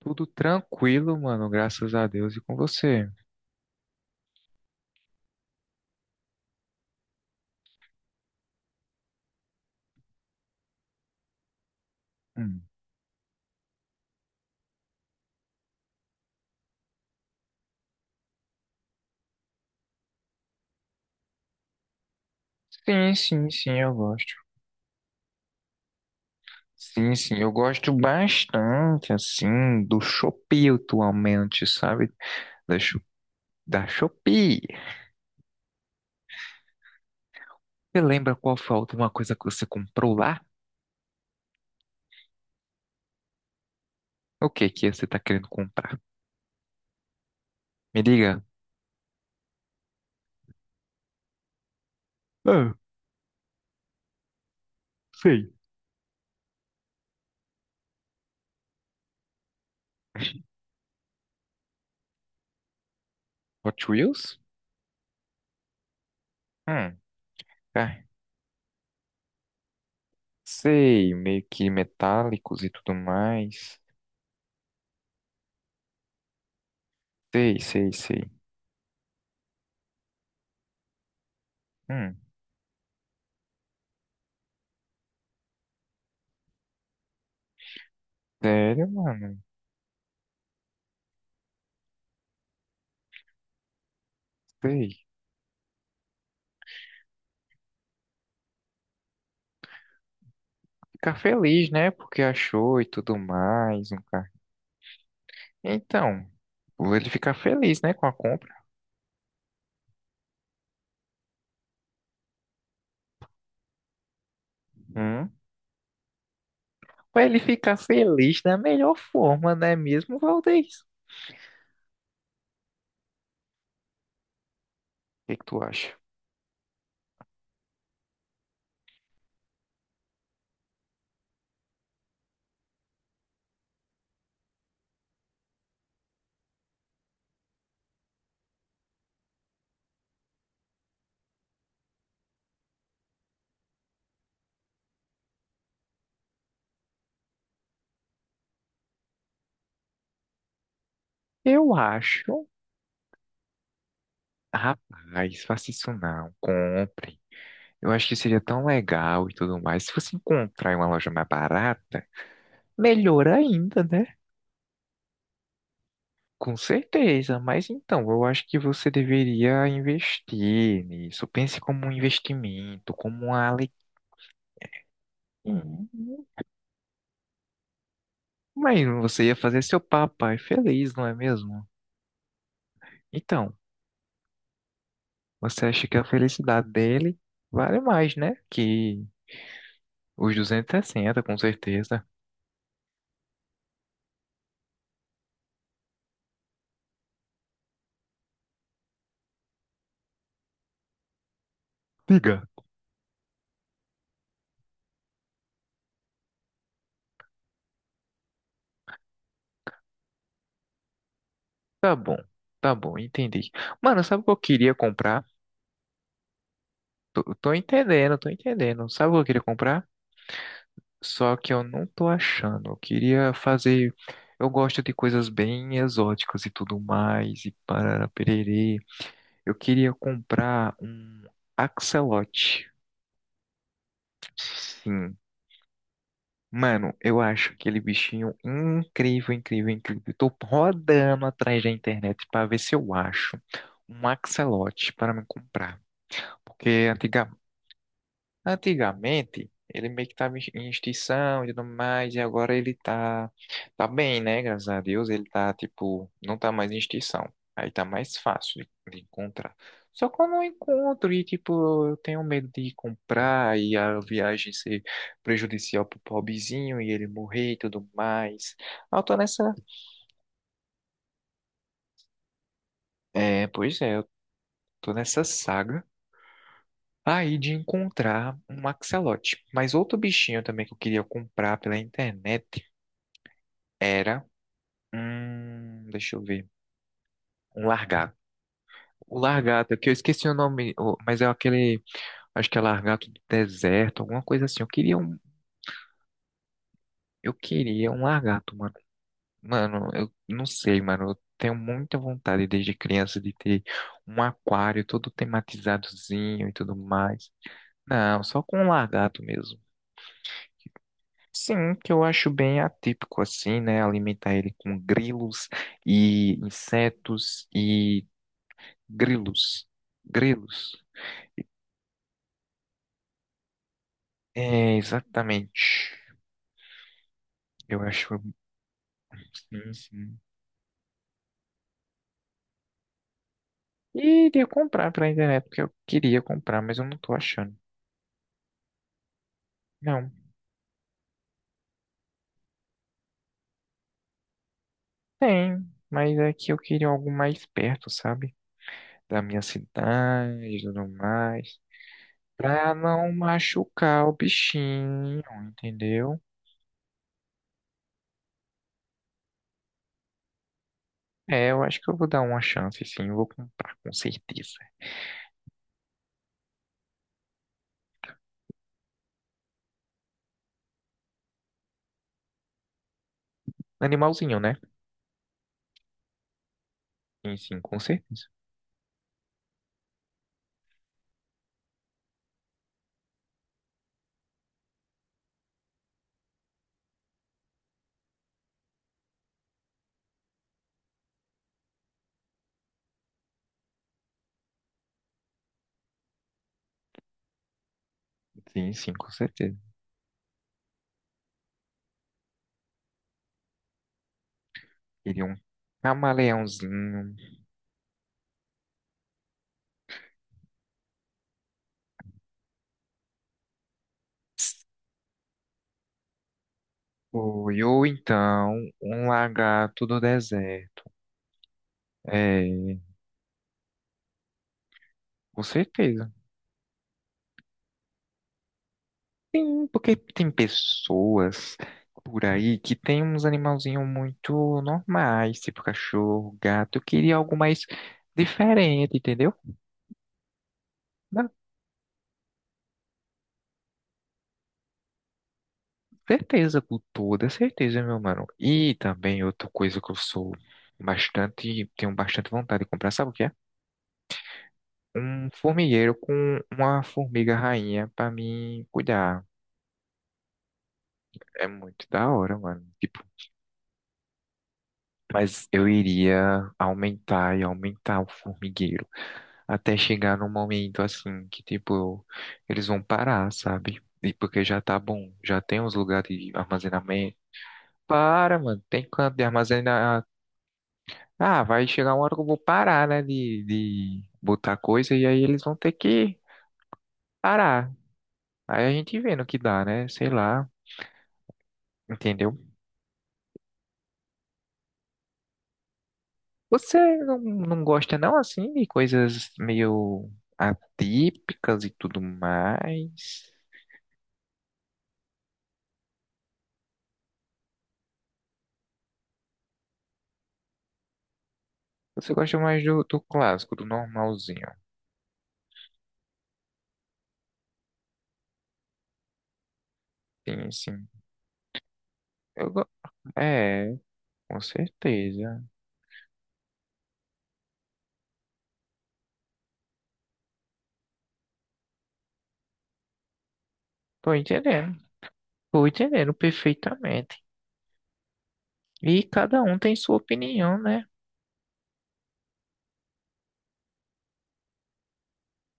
Tudo tranquilo, mano, graças a Deus e com você. Hum. Sim, sim, sim, eu gosto. Sim, sim, eu gosto bastante, assim, do Shopee atualmente, sabe? Da, Sho- da Shopee. Você lembra qual foi a última coisa que você comprou lá? O que que você tá querendo comprar? Me diga. Ah, sei. Hot Wheels? Hum, tá. Sei, meio que metálicos e tudo mais. Sei, sei, sei. Hum, Sério, mano? Sei. Ficar feliz, né? Porque achou e tudo mais, um carro. Então, ele ficar feliz, né, com a compra. Hum. Ou ele ficar feliz da melhor forma, não é mesmo, Valdez? O que que tu acha? Eu acho. Rapaz, faça isso não. Compre. Eu acho que seria tão legal e tudo mais. Se você encontrar em uma loja mais barata, melhor ainda, né? Com certeza, mas então, eu acho que você deveria investir nisso. Pense como um investimento, como uma. Hum, Mas você ia fazer seu papai feliz, não é mesmo? Então, você acha que a felicidade dele vale mais, né? Que os 260 com certeza. Diga. Tá bom, tá bom, entendi. Mano, sabe o que eu queria comprar? Tô entendendo, tô entendendo. Sabe o que eu queria comprar? Só que eu não tô achando. Eu queria fazer. Eu gosto de coisas bem exóticas e tudo mais, e parará pererê. Eu queria comprar um axolote. Sim. Mano, eu acho aquele bichinho incrível, incrível, incrível. Eu tô rodando atrás da internet pra ver se eu acho um axolote para me comprar. Porque antiga- Antigamente, ele meio que estava em extinção e tudo mais, e agora ele tá bem, né? Graças a Deus, ele tá, tipo, não tá mais em extinção. Aí tá mais fácil de encontrar. Só que eu não encontro e, tipo, eu tenho medo de comprar e a viagem ser prejudicial pro pobrezinho e ele morrer e tudo mais. Ah, eu tô nessa. É, pois é, eu tô nessa saga aí de encontrar um axolote. Mas outro bichinho também que eu queria comprar pela internet era um. Deixa eu ver. Um largato. O largato, é que eu esqueci o nome, mas é aquele. Acho que é largato do deserto, alguma coisa assim. Eu queria um. Eu queria um largato, mano. Mano, eu não sei, mano. Eu tenho muita vontade desde criança de ter um aquário todo tematizadozinho e tudo mais. Não, só com um lagarto mesmo. Sim, que eu acho bem atípico assim, né? Alimentar ele com grilos e insetos e grilos. Grilos. É, exatamente. Eu acho. Sim, sim. E iria comprar pela internet, porque eu queria comprar, mas eu não tô achando. Não, tem, mas é que eu queria algo mais perto, sabe? Da minha cidade e tudo mais. Pra não machucar o bichinho, entendeu? É, eu acho que eu vou dar uma chance, sim. Eu vou comprar, com certeza. Animalzinho, né? Sim, sim, com certeza. Sim, sim, com certeza. Queria um camaleãozinho. Foi, ou então, um lagarto do deserto. É, com certeza. Tem, porque tem pessoas por aí que tem uns animalzinhos muito normais, tipo cachorro, gato. Eu queria algo mais diferente, entendeu? Na certeza, com toda certeza, meu mano. E também outra coisa que eu sou bastante, tenho bastante vontade de comprar, sabe o que é? Um formigueiro com uma formiga rainha pra mim cuidar. É muito da hora, mano. Tipo, mas eu iria aumentar e aumentar o formigueiro até chegar num momento assim que, tipo, eles vão parar, sabe? E porque já tá bom, já tem uns lugares de armazenamento. Para, mano, tem canto de armazenar. Ah, vai chegar uma hora que eu vou parar, né, de botar coisa e aí eles vão ter que parar. Aí a gente vê no que dá, né? Sei lá, entendeu? Você não, não gosta não assim de coisas meio atípicas e tudo mais? Você gosta mais do clássico, do normalzinho? Sim, sim. Eu, go- é, com certeza. Tô entendendo. Tô entendendo perfeitamente. E cada um tem sua opinião, né?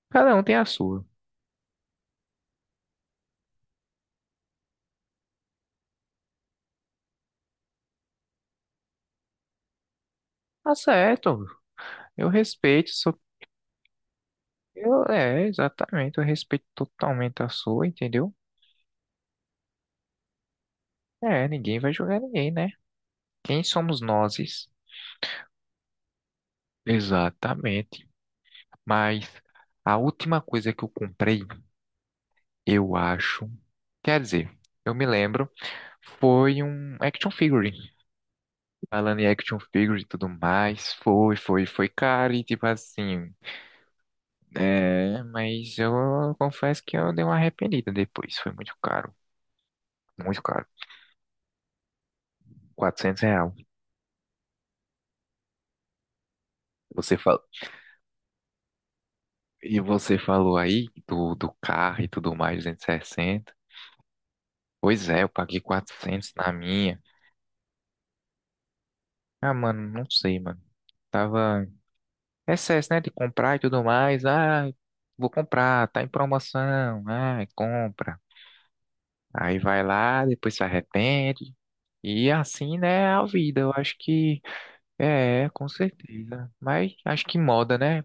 Cada um tem a sua. Tá certo. Eu respeito sua. Eu, é, exatamente. Eu respeito totalmente a sua, entendeu? É, ninguém vai julgar ninguém, né? Quem somos nós? Exatamente. Mas a última coisa que eu comprei, eu acho. Quer dizer, eu me lembro, foi um action figure. Falando em action figure e tudo mais, foi caro e tipo assim. É, mas eu confesso que eu dei uma arrependida depois. Foi muito caro, muito caro. Quatrocentos real. Você falou. E você falou aí do carro e tudo mais, 260. Pois é, eu paguei 400 na minha. Ah, mano, não sei, mano. Tava excesso, né, de comprar e tudo mais. Ah, vou comprar, tá em promoção. Ah, compra. Aí vai lá, depois se arrepende. E assim, né, é a vida. Eu acho que é, com certeza. Mas acho que moda, né?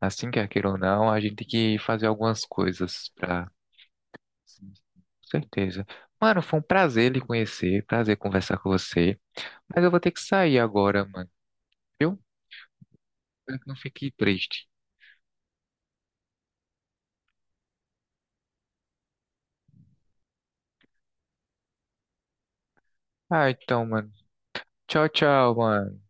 Assim quer queira ou não, a gente tem que fazer algumas coisas pra. Sim, sim. Com certeza. Mano, foi um prazer lhe conhecer, prazer conversar com você. Mas eu vou ter que sair agora, mano. Viu? Espero que não fique triste. Ah, então, mano. Tchau, tchau, mano.